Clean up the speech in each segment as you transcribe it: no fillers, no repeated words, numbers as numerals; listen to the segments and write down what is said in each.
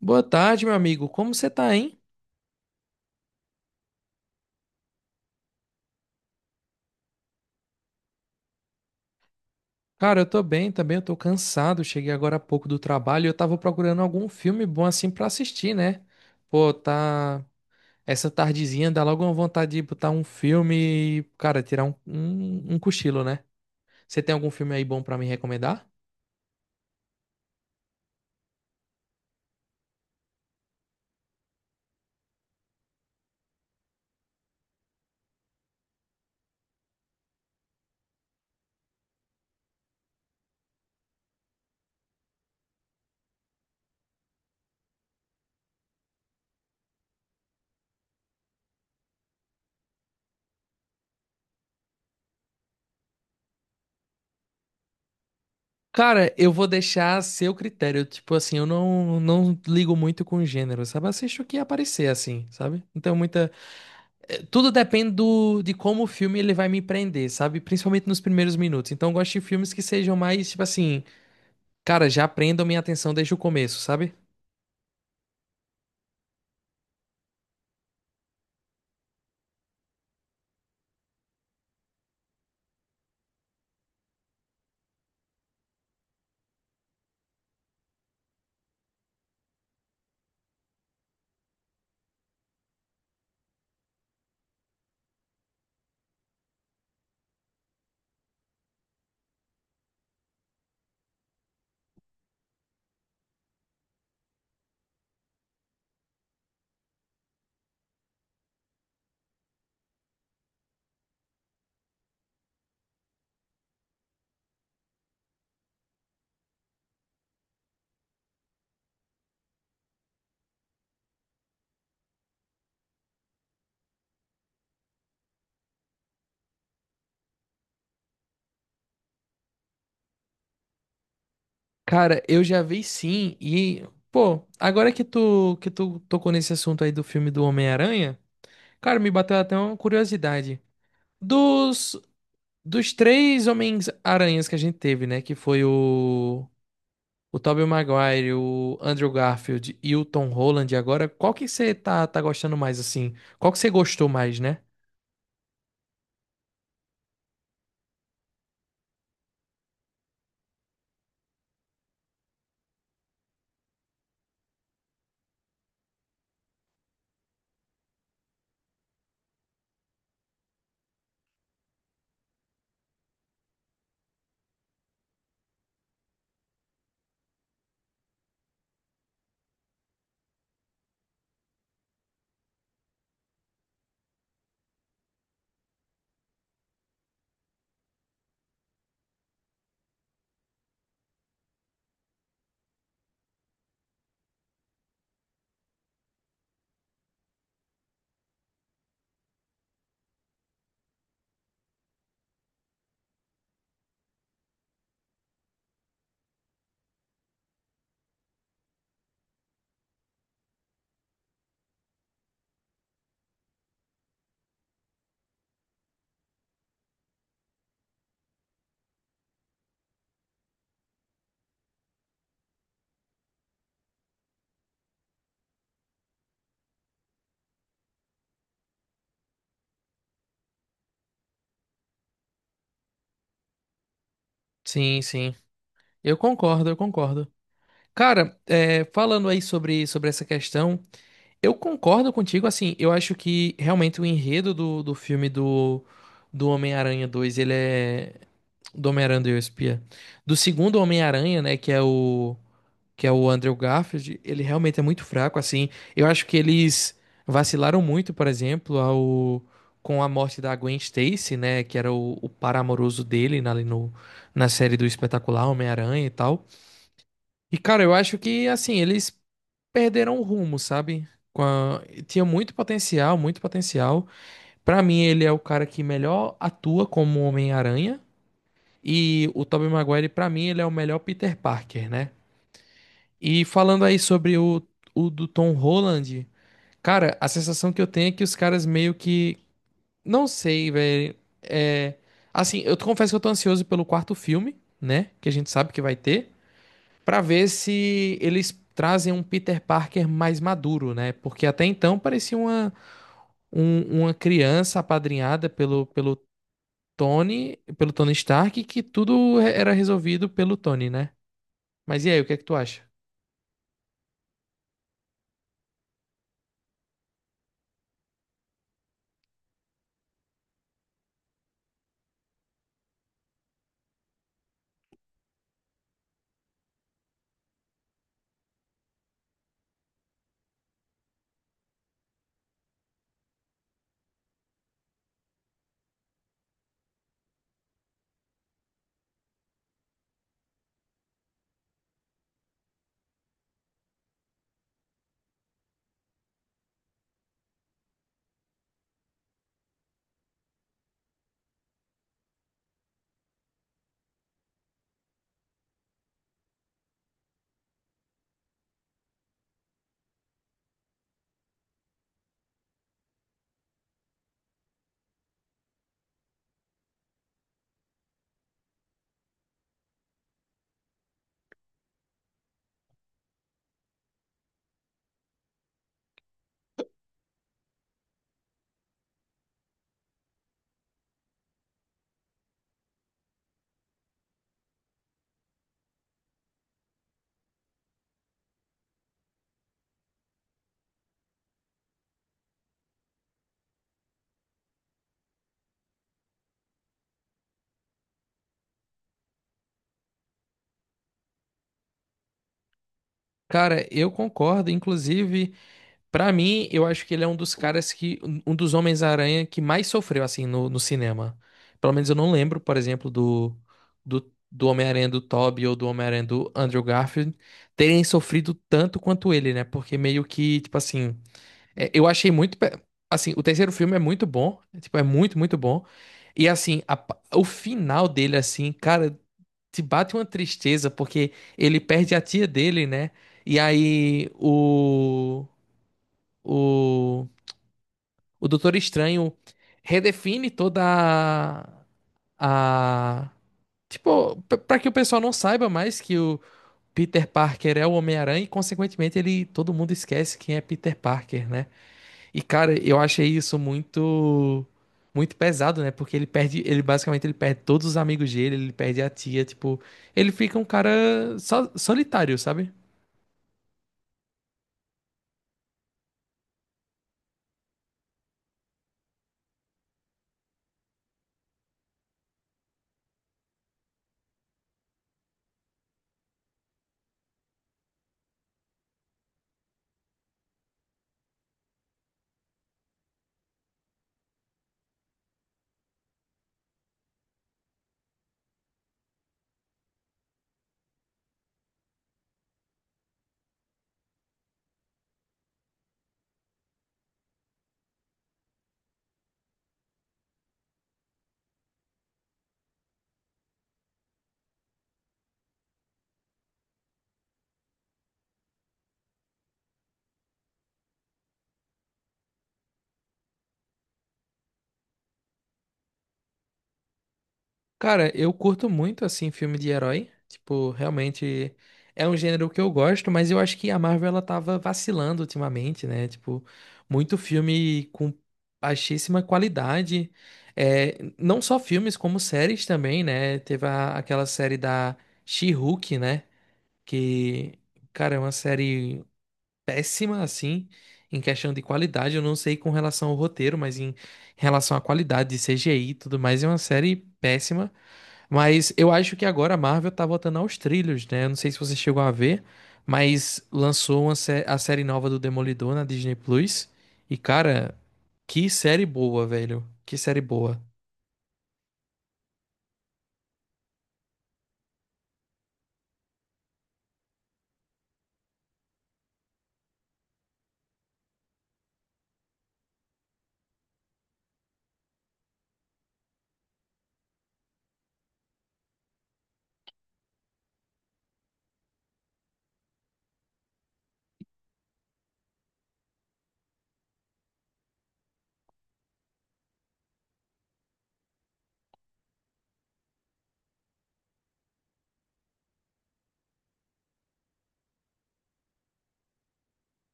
Boa tarde, meu amigo. Como você tá, hein? Cara, eu tô bem também, eu tô cansado. Cheguei agora há pouco do trabalho e eu tava procurando algum filme bom assim pra assistir, né? Pô, tá. Essa tardezinha dá logo uma vontade de botar um filme e, cara, tirar um cochilo, né? Você tem algum filme aí bom pra me recomendar? Cara, eu vou deixar a seu critério. Tipo assim, eu não ligo muito com gênero, sabe? Assisto o que aparecer, assim, sabe? Não tenho muita. Tudo depende do, de como o filme ele vai me prender, sabe? Principalmente nos primeiros minutos. Então eu gosto de filmes que sejam mais, tipo assim, cara, já prendam minha atenção desde o começo, sabe? Cara, eu já vi sim e, pô, agora que tu tocou nesse assunto aí do filme do Homem-Aranha, cara, me bateu até uma curiosidade. Dos dos três Homens-Aranhas que a gente teve, né, que foi o Tobey Maguire, o Andrew Garfield e o Tom Holland agora, qual que você tá gostando mais, assim? Qual que você gostou mais, né? Sim, sim. Eu concordo, eu concordo. Cara, é, falando aí sobre essa questão, eu concordo contigo, assim, eu acho que realmente o enredo do filme do, do Homem-Aranha 2, ele é... Do Homem-Aranha e o Espia. Do segundo Homem-Aranha, né, que é o Andrew Garfield, ele realmente é muito fraco, assim. Eu acho que eles vacilaram muito, por exemplo, ao, com a morte da Gwen Stacy, né, que era o par amoroso dele na, ali no, na série do Espetacular Homem-Aranha e tal. E, cara, eu acho que, assim, eles perderam o rumo, sabe? Com a... Tinha muito potencial, muito potencial. Pra mim, ele é o cara que melhor atua como Homem-Aranha. E o Tobey Maguire, pra mim, ele é o melhor Peter Parker, né? E falando aí sobre o do Tom Holland, cara, a sensação que eu tenho é que os caras meio que. Não sei, velho. É. Assim, eu confesso que eu tô ansioso pelo quarto filme, né? Que a gente sabe que vai ter. Pra ver se eles trazem um Peter Parker mais maduro, né? Porque até então parecia uma, um- uma criança apadrinhada pelo Tony, pelo Tony Stark, que tudo era resolvido pelo Tony, né? Mas e aí, o que é que tu acha? Cara, eu concordo, inclusive. Pra mim, eu acho que ele é um dos caras que. Um dos Homens-Aranha que mais sofreu, assim, no cinema. Pelo menos eu não lembro, por exemplo, do Homem-Aranha do Tobey ou do Homem-Aranha do Andrew Garfield terem sofrido tanto quanto ele, né? Porque meio que, tipo assim. É, eu achei muito. Pe- Assim, o terceiro filme é muito bom. É, tipo, é muito, muito bom. E, assim, a pa- o final dele, assim, cara, te bate uma tristeza, porque ele perde a tia dele, né? E aí, o. O Doutor Estranho redefine toda a- tipo, p- pra que o pessoal não saiba mais que o Peter Parker é o Homem-Aranha e consequentemente ele todo mundo esquece quem é Peter Parker, né? E cara, eu achei isso muito pesado, né? Porque ele perde, ele basicamente ele perde todos os amigos dele, ele perde a tia, tipo, ele fica um cara so- solitário, sabe? Cara, eu curto muito, assim, filme de herói. Tipo, realmente é um gênero que eu gosto, mas eu acho que a Marvel, ela tava vacilando ultimamente, né? Tipo, muito filme com baixíssima qualidade. É, não só filmes, como séries também, né? Teve a- aquela série da She-Hulk, né? Que, cara, é uma série péssima, assim, em questão de qualidade. Eu não sei com relação ao roteiro, mas em relação à qualidade de CGI e tudo mais, é uma série péssima. Mas eu acho que agora a Marvel tá voltando aos trilhos, né? Eu não sei se você chegou a ver, mas lançou uma sé- a série nova do Demolidor na Disney Plus. E, cara, que série boa, velho. Que série boa.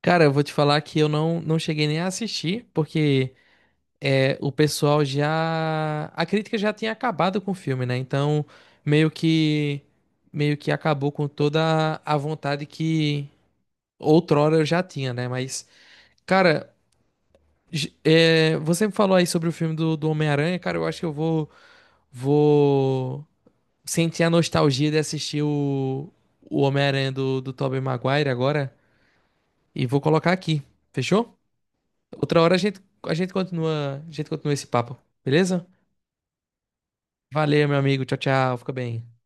Cara, eu vou te falar que eu não cheguei nem a assistir, porque é, o pessoal já. A crítica já tinha acabado com o filme, né? Então, meio que. Meio que acabou com toda a vontade que outrora eu já tinha, né? Mas. Cara, J- é, você falou aí sobre o filme do, do Homem-Aranha, cara. Eu acho que eu vou sentir a nostalgia de assistir o Homem-Aranha do, do Tobey Maguire agora e vou colocar aqui. Fechou? Outra hora a gente continua, a gente continua esse papo, beleza? Valeu, meu amigo. Tchau, tchau. Fica bem.